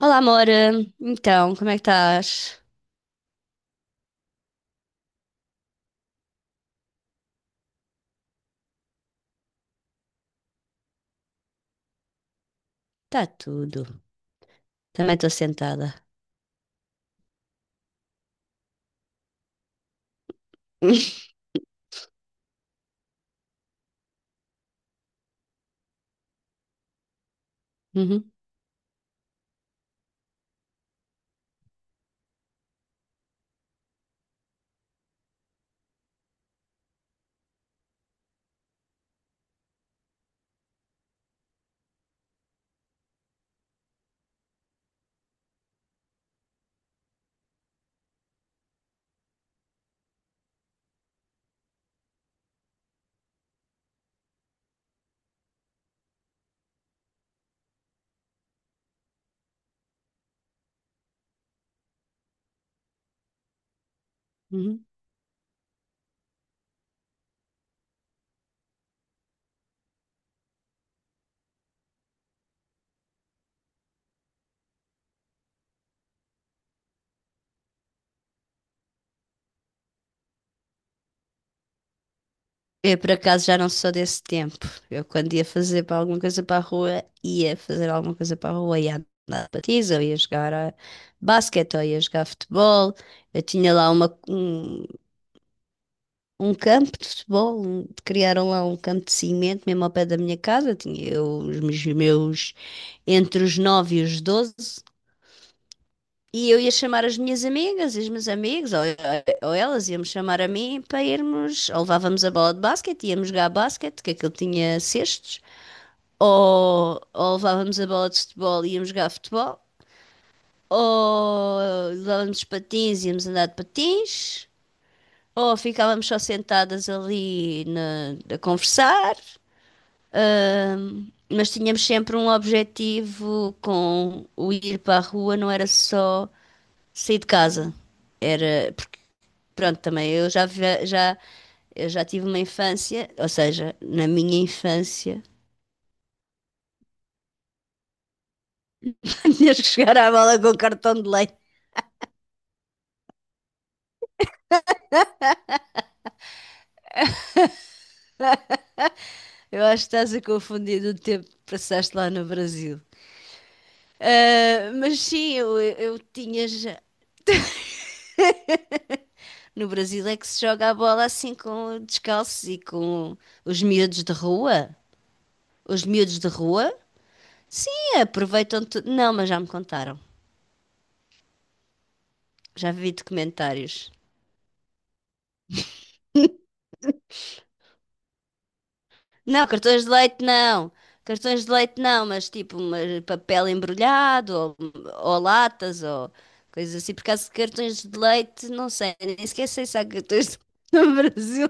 Olá, amor. Então, como é que estás? Está tudo. Também estou sentada. Uhum, uhum. Eu, por acaso, já não sou desse tempo. Eu, quando ia fazer para alguma coisa para a rua, ia fazer alguma coisa para a rua, ia andar de patins, ou ia jogar a basquete, ou ia jogar futebol. Eu tinha lá um campo de futebol, criaram lá um campo de cimento mesmo ao pé da minha casa. Tinha eu, entre os 9 e os 12. E eu ia chamar as minhas amigas e os meus amigos, ou elas iam-me chamar a mim para irmos, ou levávamos a bola de basquete, íamos jogar basquete, que aquilo tinha cestos, ou levávamos a bola de futebol e íamos jogar futebol, ou levávamos patins e íamos andar de patins, ou ficávamos só sentadas ali a conversar, mas tínhamos sempre um objetivo com o ir para a rua, não era só sair de casa. Era pronto, também eu já tive uma infância, ou seja, na minha infância. Tinhas que chegar à bola com cartão de leite. Eu acho que estás a confundir o tempo que passaste lá no Brasil. Ah, mas sim, eu tinha já. No Brasil é que se joga a bola assim com descalços e com os miúdos de rua. Os miúdos de rua, sim, aproveitam tudo. Não, mas já me contaram. Já vi documentários. Não, cartões de leite não. Cartões de leite não, mas tipo papel embrulhado ou latas ou coisas assim. Por causa de cartões de leite, não sei, nem sequer sei se há cartões de leite no Brasil.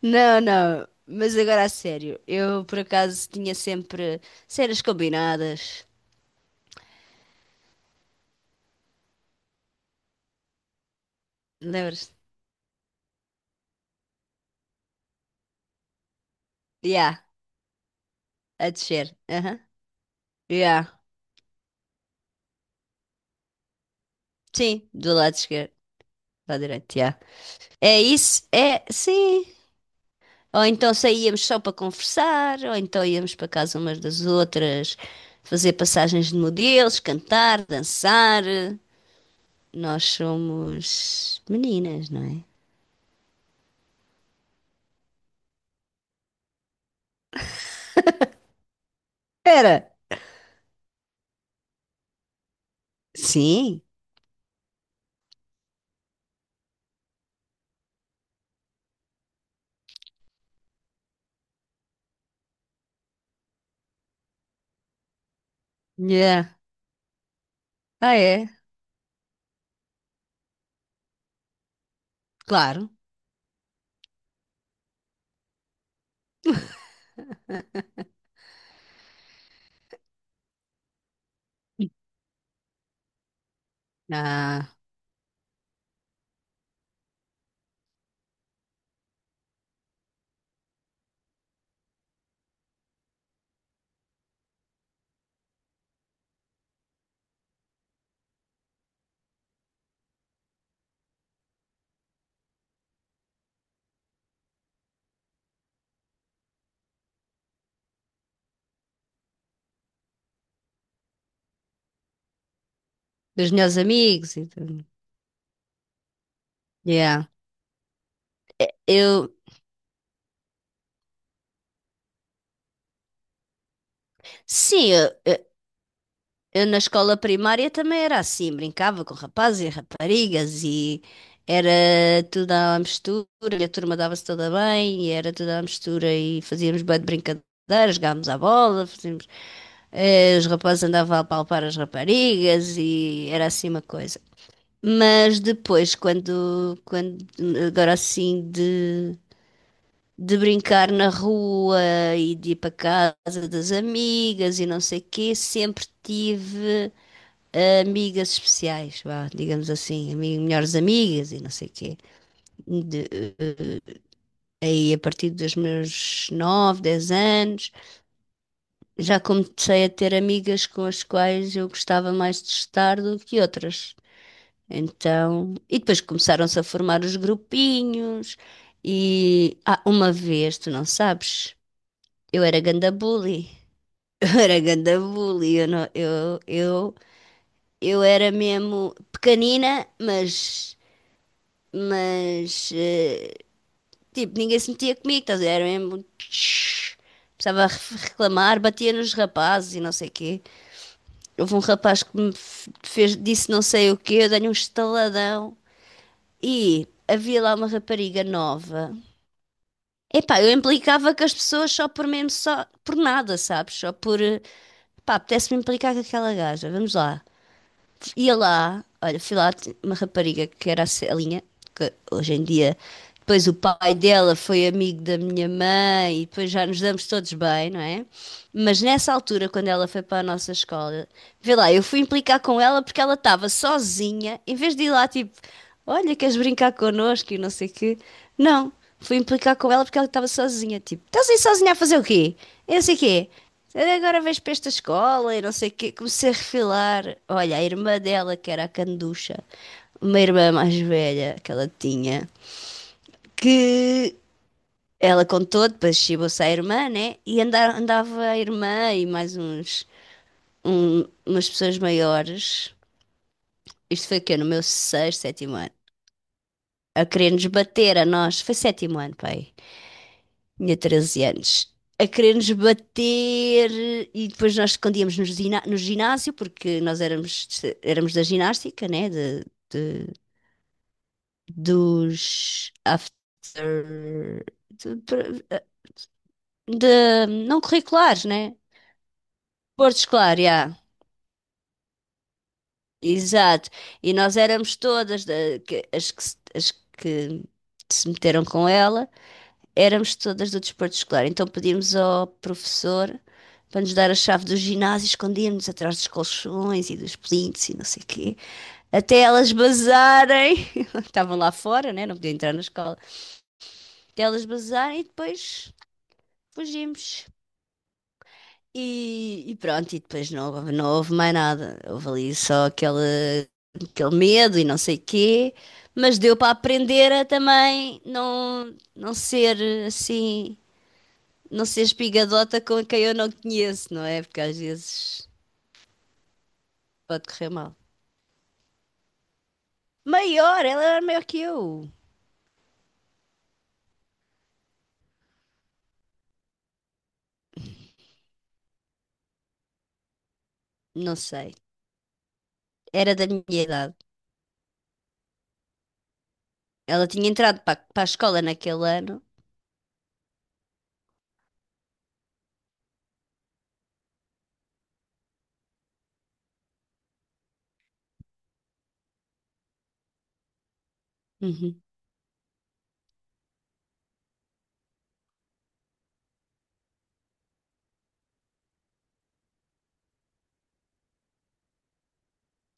Não, não. Mas agora a sério, eu por acaso tinha sempre cenas combinadas. Lembras-te? Yeah, a descer. Aham. Yeah. Sim, do lado esquerdo, lado direito, yeah. É isso? É, sim. Ou então saíamos só para conversar, ou então íamos para casa umas das outras, fazer passagens de modelos, cantar, dançar. Nós somos meninas, não é? Era. Sim. Yeah. Ah, é? Claro. Ah, dos meus amigos e tudo. Yeah. Eu, sim, eu na escola primária também era assim, brincava com rapazes e raparigas e era tudo à mistura, e a turma dava-se toda bem, e era tudo à mistura e fazíamos bué de brincadeiras, jogávamos à bola, fazíamos, os rapazes andavam a palpar as raparigas e era assim uma coisa. Mas depois, quando agora assim de brincar na rua e de ir para casa das amigas e não sei o quê, sempre tive amigas especiais, vá, digamos assim, melhores amigas e não sei o quê. De, eh, Aí a partir dos meus 9, 10 anos, já comecei a ter amigas com as quais eu gostava mais de estar do que outras. Então, e depois começaram-se a formar os grupinhos e ah, uma vez, tu não sabes, eu era ganda bully. Eu era ganda bully, eu, não- eu era mesmo pequenina, mas tipo, ninguém se metia comigo, estás a ver? Era mesmo. Tsh. Precisava reclamar, batia nos rapazes e não sei o quê. Houve um rapaz que me fez, disse não sei o quê, eu dei-lhe um estaladão. E havia lá uma rapariga nova. Epá, eu implicava com as pessoas só por mesmo, só por nada, sabes? Pá, apetece-me implicar com aquela gaja, vamos lá. Olha, fui lá, uma rapariga que era a Celinha, que hoje em dia, depois o pai dela foi amigo da minha mãe e depois já nos damos todos bem, não é? Mas nessa altura, quando ela foi para a nossa escola, vê lá, eu fui implicar com ela porque ela estava sozinha, em vez de ir lá tipo, olha, queres brincar connosco e não sei o quê. Não, fui implicar com ela porque ela estava sozinha, tipo, estás aí sozinha a fazer o quê? Eu não sei o quê. Eu agora vejo para esta escola e não sei o quê. Comecei a refilar. Olha, a irmã dela, que era a Canducha, uma irmã mais velha que ela tinha, que ela contou, depois chibou-se à irmã, né? E andava a irmã e mais umas pessoas maiores. Isto foi o quê? No meu sexto, sétimo ano. A querer-nos bater a nós. Foi sétimo ano, pai. Tinha 13 anos, a querer-nos bater e depois nós escondíamos nos no ginásio, porque nós éramos da ginástica, né? De- dos after. de- não curriculares, né? Porto escolar, já. Exato. E nós éramos todas as que, as que se meteram com ela. Éramos todas do desporto escolar, então pedíamos ao professor para nos dar a chave do ginásio, escondíamos atrás dos colchões e dos plintos e não sei o quê, até elas basarem, estavam lá fora, né? Não podiam entrar na escola, até elas basarem e depois fugimos. E pronto, e depois não, não houve mais nada, houve ali só aquele medo e não sei o quê, mas deu para aprender a também não, não ser assim, não ser espigadota com quem eu não conheço, não é? Porque às vezes pode correr mal. Maior, ela era maior que eu. Não sei. Era da minha idade. Ela tinha entrado para a escola naquele ano. Uhum.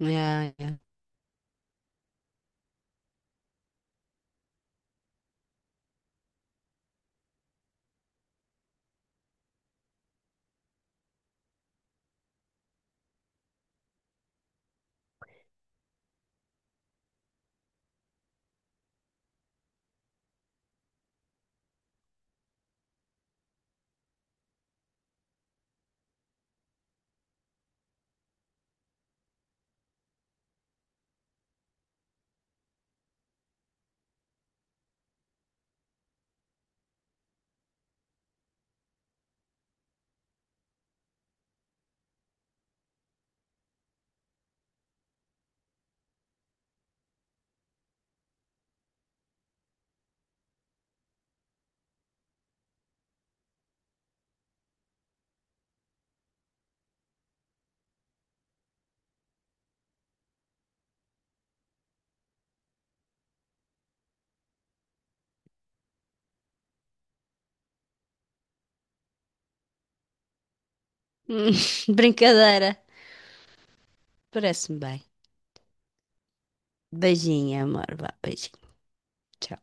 Yeah, yeah. Brincadeira. Parece-me bem. Beijinho, amor. Vá, beijinho. Tchau.